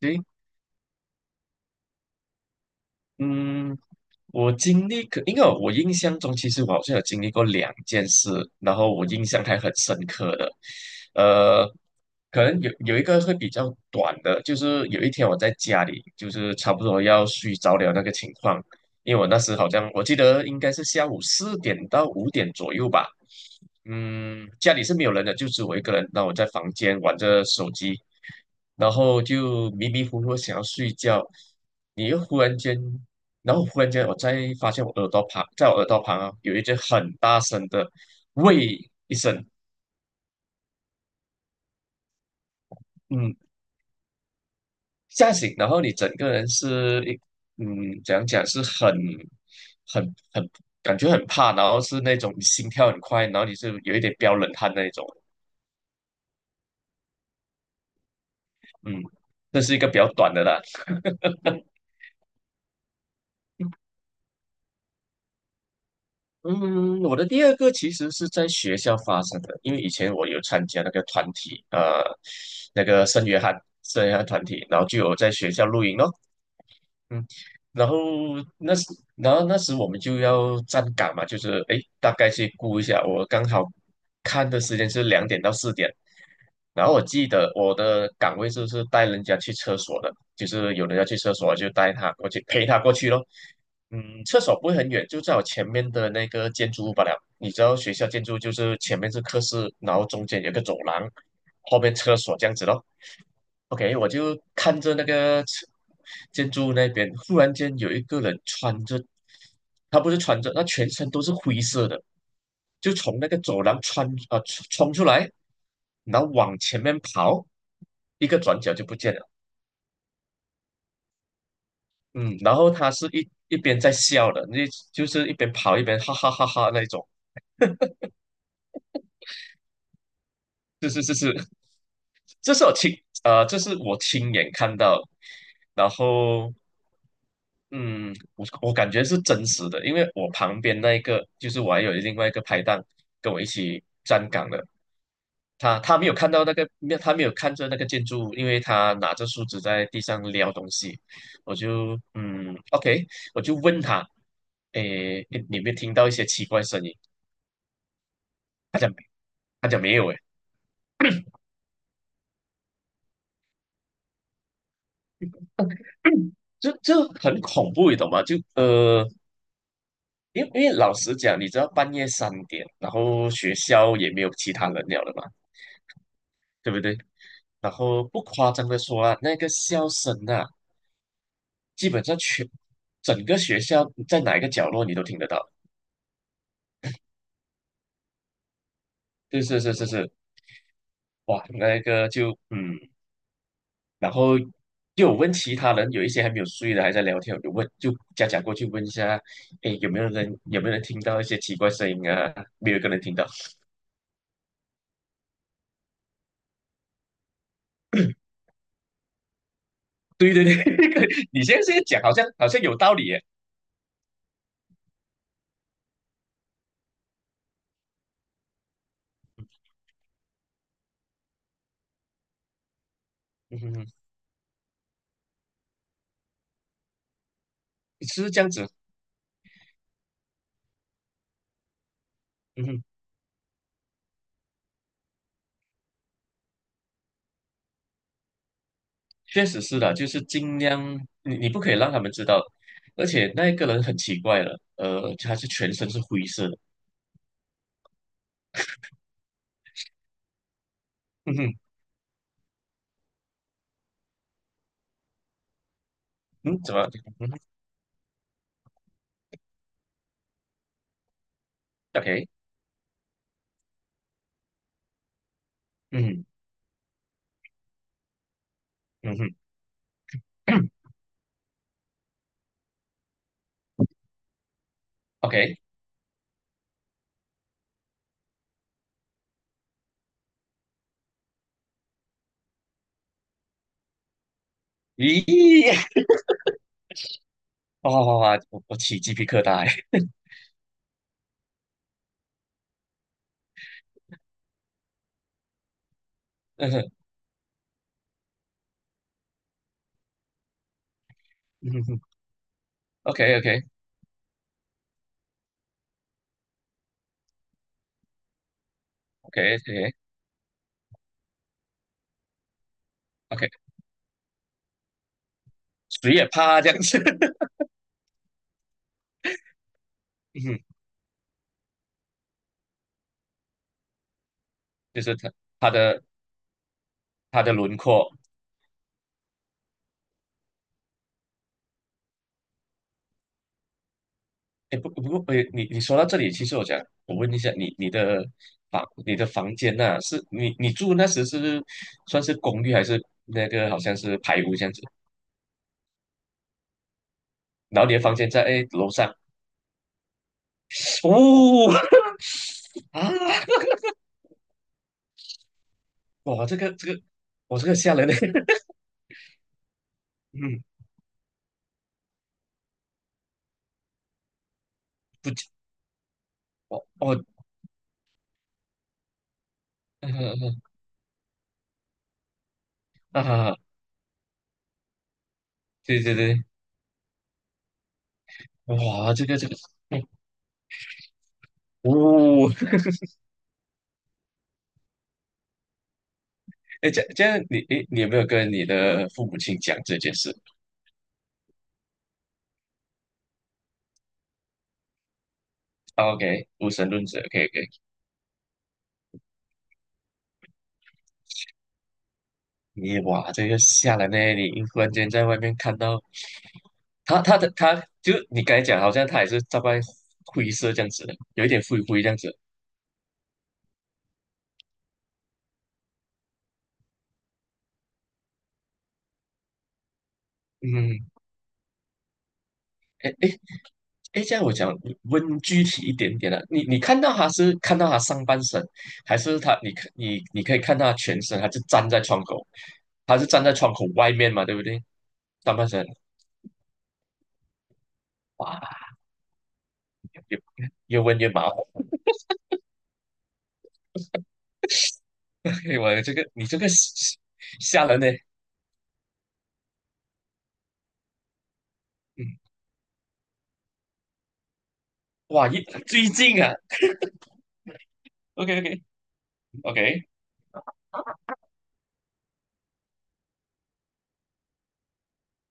行，嗯，我经历可，因为我印象中，其实我好像有经历过两件事，然后我印象还很深刻的。呃，可能有一个会比较短的，就是有一天我在家里，就是差不多要睡着了那个情况，因为我那时好像我记得应该是下午4点到5点左右吧。嗯，家里是没有人的，就只有我一个人。那我在房间玩着手机，然后就迷迷糊糊想要睡觉，你又忽然间然后忽然间我再发现我耳朵旁，在我耳朵旁啊有一只很大声的喂一声，嗯，吓醒，然后你整个人是一，怎样讲是很很很感觉很怕，然后是那种你心跳很快，然后你是有一点飙冷汗那一种，嗯，这是一个比较短的啦。嗯，我的第二个其实是在学校发生的，因为以前我有参加那个团体，那个圣约翰团体，然后就有在学校露营咯。嗯，然后那时，然后那时我们就要站岗嘛，就是哎，诶大概去估一下。我刚好看的时间是2点到4点，然后我记得我的岗位就是带人家去厕所的，就是有人要去厕所，就带他过去陪他过去咯。嗯，厕所不会很远，就在我前面的那个建筑物罢了。你知道学校建筑就是前面是课室，然后中间有个走廊，后面厕所这样子咯。OK，我就看着那个建筑物那边，忽然间有一个人穿着，他不是穿着，他全身都是灰色的，就从那个走廊冲出来，然后往前面跑，一个转角就不见了。嗯，然后他是一边在笑的，那就是一边跑一边哈哈哈哈那种。是是是是，这是我亲这是我亲眼看到，然后嗯，我感觉是真实的，因为我旁边那一个就是我还有另外一个拍档跟我一起站岗的，他没有看到那个，没有他没有看着那个建筑物，因为他拿着树枝在地上撩东西，我就嗯，OK，我就问他，诶，你有没有听到一些奇怪声音？他讲没有，诶，这很恐怖，你懂吗？因为老实讲，你知道半夜3点，然后学校也没有其他人了的嘛，对不对？然后不夸张的说啊，那个笑声啊，基本上整个学校在哪一个角落你都听得到。是是是是是，哇，那个就嗯，然后又有问其他人，有一些还没有睡的还在聊天，我就问就假假过去问一下，哎，有没有人听到一些奇怪声音啊？没有一个人听到。对对对，你现在讲好像有道理耶。嗯哼哼是这样子，嗯哼，确实是的，就是尽量你不可以让他们知道，而且那个人很奇怪了，他是全身是灰色的，嗯哼，嗯，怎么，嗯哼，OK，嗯嗯哼 ，OK，咦，哇哇哇，哇我起鸡皮疙瘩欸 嗯哼嗯哼 o k OK OK OK OK，谁也怕这样子，嗯哼，就是他他的他的轮廓。哎，不过，哎，你说到这里，其实我问一下，你的房间呐、是你住那时是算是公寓还是那个好像是排屋这样子？然后你的房间在楼上，哦啊，哇，这个，我这个吓人的，嗯，不，我我嗯嗯嗯啊，对对对，哇，这个，嗯哦，哎，这样这样你哎，你有没有跟你的父母亲讲这件事？OK，无神论者，OK，哇，这个吓人呢！你一忽然间在外面看到他，他的他，就你刚才讲，好像他也是大概灰色这样子的，有一点灰灰这样子。嗯，哎哎哎，这样我讲问具体一点点了、你看到他是看到他上半身，还是他你看你你可以看到他全身，他是站在窗口外面嘛，对不对？上半身，哇，越越问越麻烦。我这个你这个吓人呢！嗯，哇，最近啊，OK OK。OK，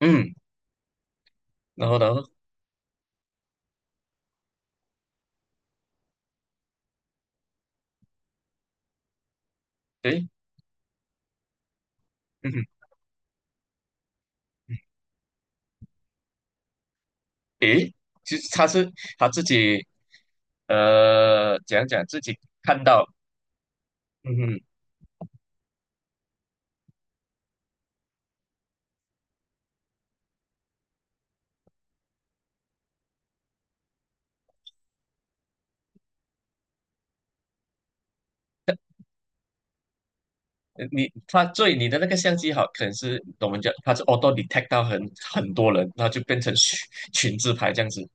嗯，然后对，嗯哼，诶，其实他是他自己，讲讲自己看到，嗯哼，呃你他所以你的那个相机好，可能是我们讲他是 auto detect 到很多人，然后就变成群自拍这样子，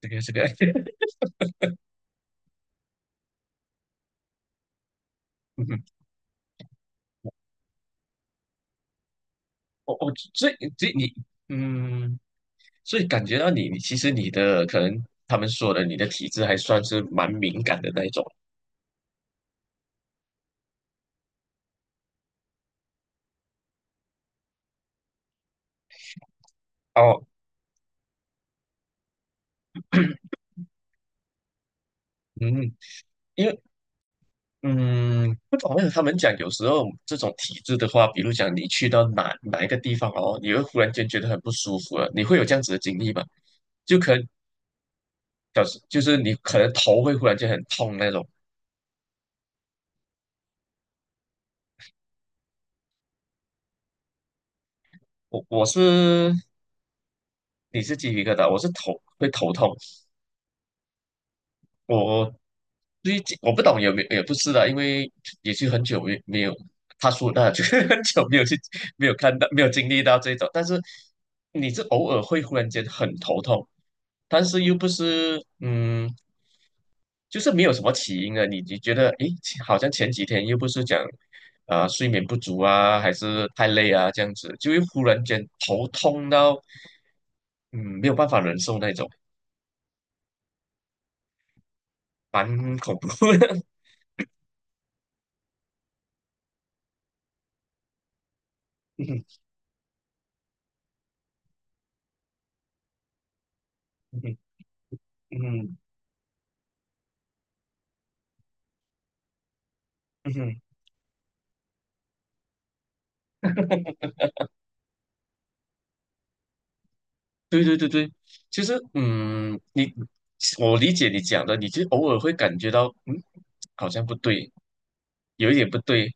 这个，嗯哼，我我所以所以你，嗯，所以感觉到你其实你的可能他们说的你的体质还算是蛮敏感的那一种哦。嗯，因为嗯，不懂为什么他们讲有时候这种体质的话，比如讲你去到哪一个地方哦，你会忽然间觉得很不舒服了，你会有这样子的经历吗？就可能表示就是你可能头会忽然间很痛那种。我我是你是鸡皮疙瘩，我是头会头痛。我最近我不懂有没有，也不是的，因为也是很久没有他说那，就是很久没有去没有看到没有经历到这种，但是你是偶尔会忽然间很头痛，但是又不是就是没有什么起因的，你觉得诶，好像前几天又不是讲啊、睡眠不足啊，还是太累啊这样子，就会忽然间头痛到嗯没有办法忍受那种，蛮恐怖的。嗯嗯嗯嗯嗯对对对对，其实我理解你讲的，你就偶尔会感觉到，好像不对，有一点不对。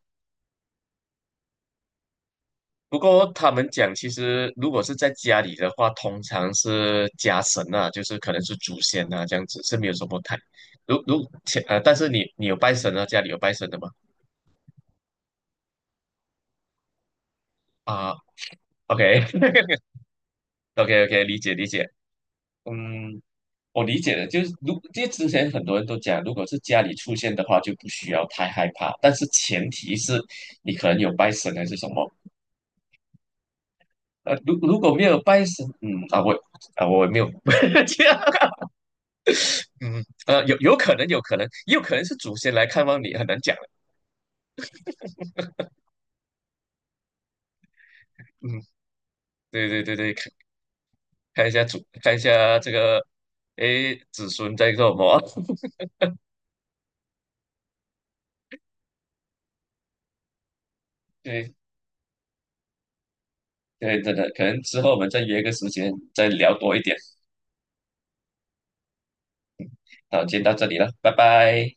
不过他们讲，其实如果是在家里的话，通常是家神啊，就是可能是祖先啊，这样子是没有什么太。如如前呃，但是你有拜神啊，家里有拜神的吗？啊，OK OK OK，理解理解。嗯，我理解的，就是因为之前很多人都讲，如果是家里出现的话，就不需要太害怕，但是前提是你可能有拜神还是什么。如果没有拜神，我没有 这样，有可能有可能，也有可能是祖先来看望你，很难讲。嗯，对对对对，看一下这个，诶，子孙在做什么？对对，真的，可能之后我们再约个时间再聊多一点。好，今天到这里了，拜拜。